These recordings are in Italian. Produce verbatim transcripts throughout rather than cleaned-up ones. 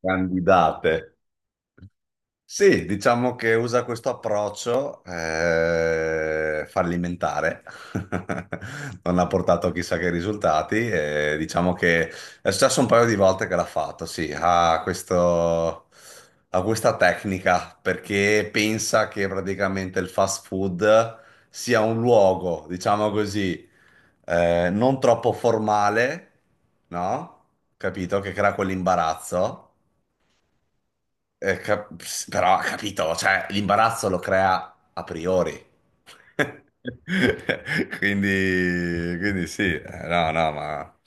Candidate. Sì, diciamo che usa questo approccio eh, fallimentare, non ha portato chissà che risultati, e diciamo che è successo un paio di volte che l'ha fatto, sì, ha questo, ha questa tecnica perché pensa che praticamente il fast food sia un luogo, diciamo così, eh, non troppo formale, no? Capito? Che crea quell'imbarazzo eh, cap- però, capito, cioè, l'imbarazzo lo crea a priori. Quindi, quindi sì, eh, no, no, ma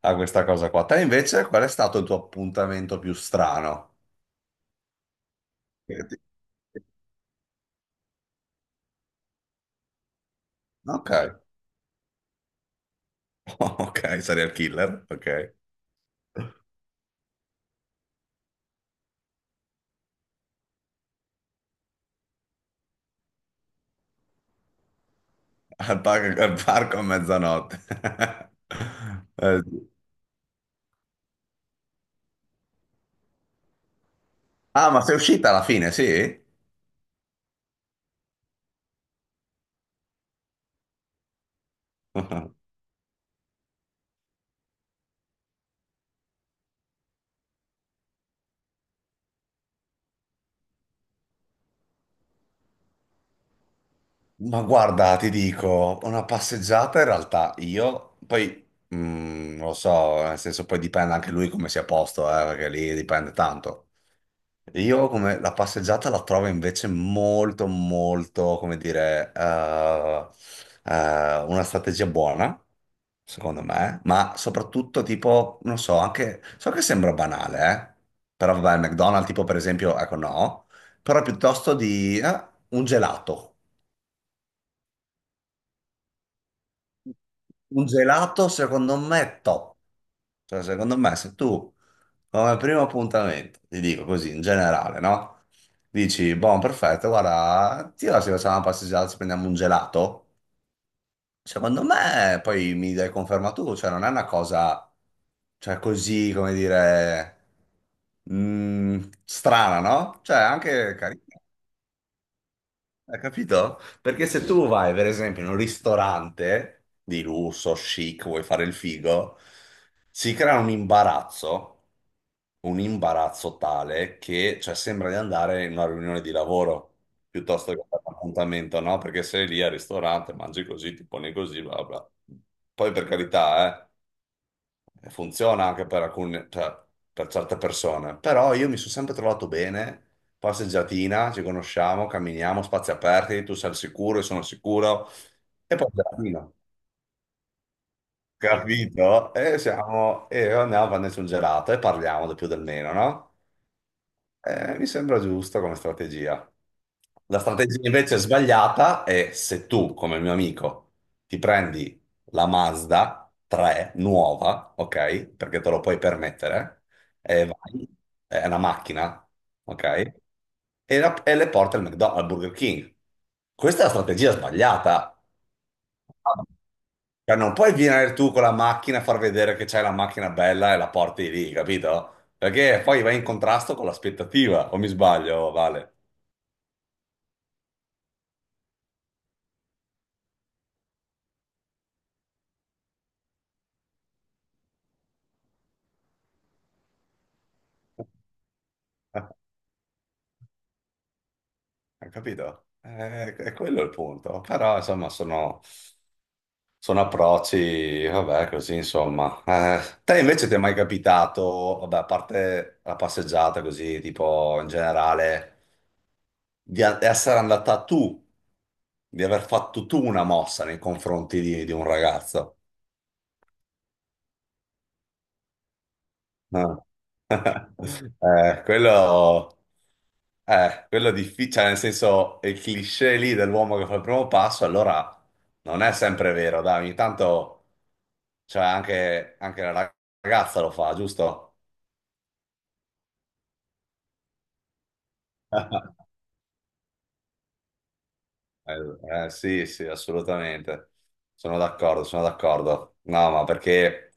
ha questa cosa qua. Te invece, qual è stato il tuo appuntamento più strano? Che ti- Ok, ok, serial killer, ok. Al par- al parco, a mezzanotte. Eh, sì. Ah, ma sei uscita alla fine, sì? Ma guarda, ti dico, una passeggiata in realtà io, poi mm, non lo so, nel senso poi dipende anche lui come sia a posto, eh, perché lì dipende tanto. Io come la passeggiata la trovo invece molto, molto, come dire, eh, eh, una strategia buona, secondo me, ma soprattutto tipo, non so, anche, so che sembra banale, eh, però vabbè, il McDonald's tipo per esempio, ecco no, però piuttosto di eh, un gelato. Un gelato secondo me è top, cioè secondo me se tu come primo appuntamento, ti dico così in generale, no? Dici, buon perfetto, guarda, ti va se facciamo una passeggiata, ci prendiamo un gelato? Secondo me poi mi dai conferma tu, cioè non è una cosa, cioè così, come dire, mm, strana, no? Cioè anche carina. Hai capito? Perché se tu vai, per esempio, in un ristorante di lusso, chic, vuoi fare il figo, si crea un imbarazzo, un imbarazzo tale che, cioè, sembra di andare in una riunione di lavoro piuttosto che a un appuntamento, no? Perché sei lì al ristorante, mangi così, ti poni così, bla bla. Poi per carità, eh funziona anche per alcune, cioè, per certe persone, però io mi sono sempre trovato bene, passeggiatina, ci conosciamo, camminiamo, spazi aperti, tu sei al sicuro, io sono al sicuro, e poi gelatina, capito? E siamo, e andiamo a prenderci un gelato e parliamo del più del meno, no? Eh, mi sembra giusta come strategia. La strategia invece sbagliata è se tu, come il mio amico, ti prendi la Mazda tre nuova, ok? Perché te lo puoi permettere, e vai, è una macchina, ok? E, la- e le porti al McDonald's, al Burger King. Questa è la strategia sbagliata. Cioè, non puoi venire tu con la macchina a far vedere che c'hai la macchina bella e la porti lì, capito? Perché poi vai in contrasto con l'aspettativa, o mi sbaglio, Vale? Hai capito? Eh, È quello il punto. Però, insomma, sono... Sono approcci, vabbè, così insomma. Eh, te invece ti è mai capitato, vabbè, a parte la passeggiata così, tipo in generale, di a- essere andata tu, di aver fatto tu una mossa nei confronti di, di un ragazzo? No. Eh, quello, eh, quello è difficile, cioè, nel senso, il cliché lì dell'uomo che fa il primo passo, allora non è sempre vero, dai, ogni tanto, cioè anche, anche la ragazza lo fa, giusto? Eh, eh, sì, sì, assolutamente. Sono d'accordo, sono d'accordo. No, ma perché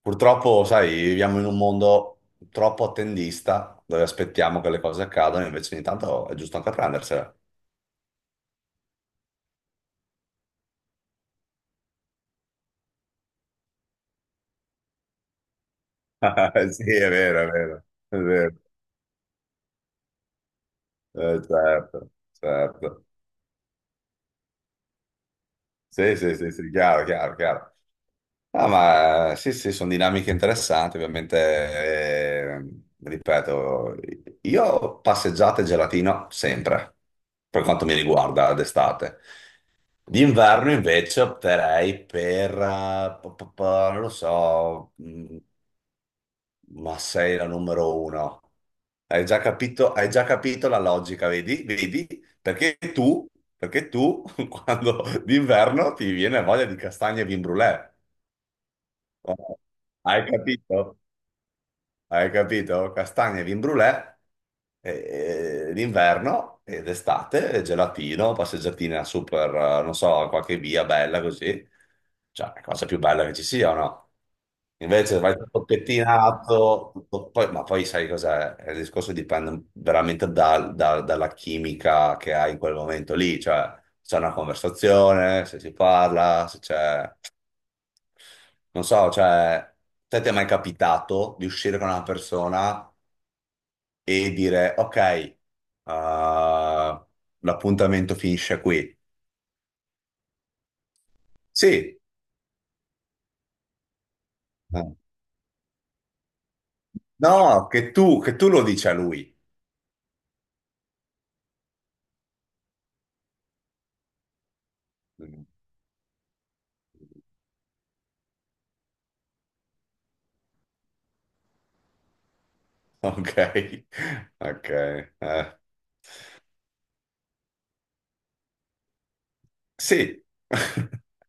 purtroppo, sai, viviamo in un mondo troppo attendista dove aspettiamo che le cose accadano, invece ogni tanto è giusto anche prendersela. Sì, è vero, è vero, è vero. Eh, certo, certo. Sì, sì, sì, sì, chiaro, chiaro, chiaro. Ah, ma sì, sì, sono dinamiche interessanti, ovviamente, eh, ripeto, io passeggiate e gelatino sempre, per quanto mi riguarda d'estate. D'inverno invece opterei per, eh, pa- pa- pa- non lo so, mh, ma sei la numero uno. Hai già capito, hai già capito la logica, vedi? Vedi? Perché tu, perché tu, quando d'inverno ti viene voglia di castagne e vin brûlée. Oh, hai capito? Hai capito? Castagne, vin brûlée, eh, d'inverno ed estate, gelatino, passeggiatina super, eh, non so, qualche via bella così. Cioè, la cosa più bella che ci sia o no? Invece vai tutto pettinato, tutto- poi- ma poi sai cos'è? Il discorso dipende veramente dal- da- dalla chimica che hai in quel momento lì, cioè se c'è una conversazione, se si parla, se c'è... Non so, cioè, te ti è mai capitato di uscire con una persona e dire, ok, eh, l'appuntamento finisce qui? Sì. Eh. No, che tu, che tu lo dici a lui. Mm. Ok, ok. Eh. Sì.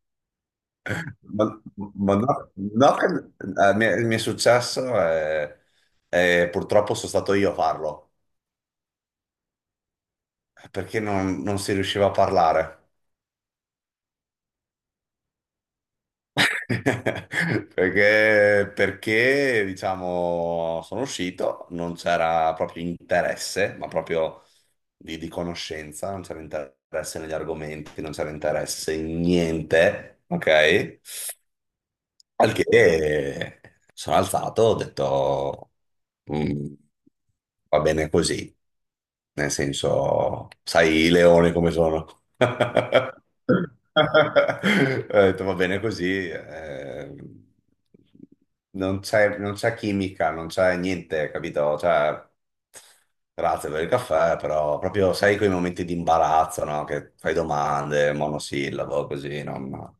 Ma, ma no, no che- eh, mi, è mi è successo e, e purtroppo sono stato io a farlo, perché non non si riusciva a parlare. Perché, perché, diciamo, sono uscito, non c'era proprio interesse, ma proprio di, di conoscenza, non c'era interesse negli argomenti, non c'era interesse in niente, ok? Al che sono alzato, ho detto, "Mm, va bene così. Nel senso, sai i leoni come sono. Ho detto, va bene così, eh, non c'è non c'è chimica, non c'è niente, capito? Cioè, grazie per il caffè, però proprio sai quei momenti di imbarazzo, no? Che fai domande, monosillabo, così, no? Ma-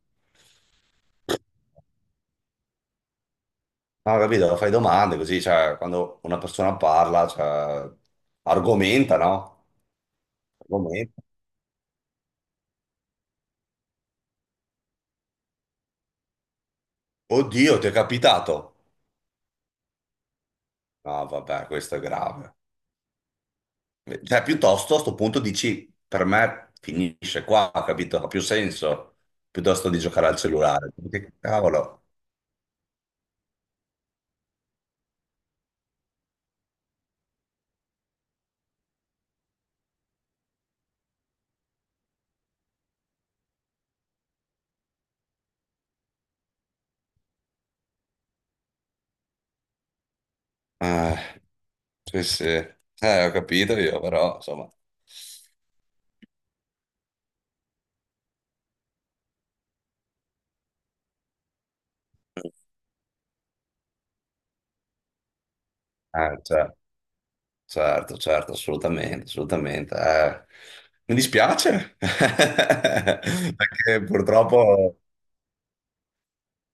No, capito? Fai domande così, cioè, quando una persona parla, cioè, argomenta, no? Argomenta. Oddio, ti è capitato? No, vabbè, questo è grave. Cioè, piuttosto a sto punto dici, per me finisce qua, capito? Ha più senso, piuttosto di giocare al cellulare. Che cavolo. Eh, sì, sì. Eh, ho capito io, però, insomma. Eh, cioè, certo, certo, assolutamente, assolutamente. Eh, mi dispiace, perché purtroppo,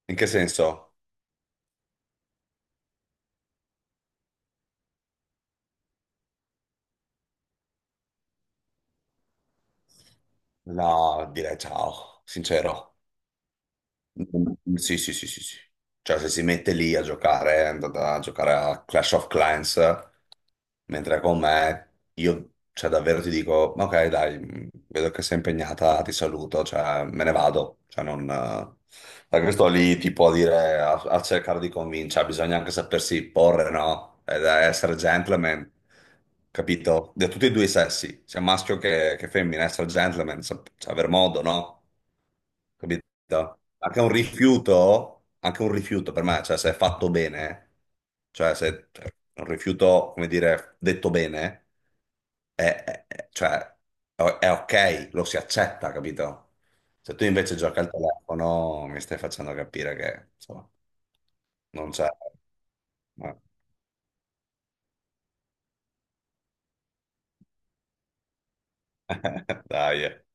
in che senso? No, direi ciao, sincero. Mm, sì, sì, sì, sì, sì. Cioè, se si mette lì a giocare, è andata a giocare a Clash of Clans, mentre con me, io, cioè, davvero ti dico, ok, dai, mm, vedo che sei impegnata, ti saluto, cioè, me ne vado. Cioè, non... eh, perché sto lì, tipo, a dire, a, a cercare di convincere, cioè, bisogna anche sapersi porre, no? Ed essere gentleman, capito? Da tutti e due i sessi, sia maschio che, che femmina, essere gentleman, sap- cioè, aver modo, no? Capito? Anche un rifiuto, anche un rifiuto per me, cioè se è fatto bene, cioè se cioè, un rifiuto, come dire, detto bene, è, è- è- cioè, è è ok, lo si accetta, capito? Se tu invece giochi al telefono, mi stai facendo capire che, insomma, non c'è... no. Dai. eh.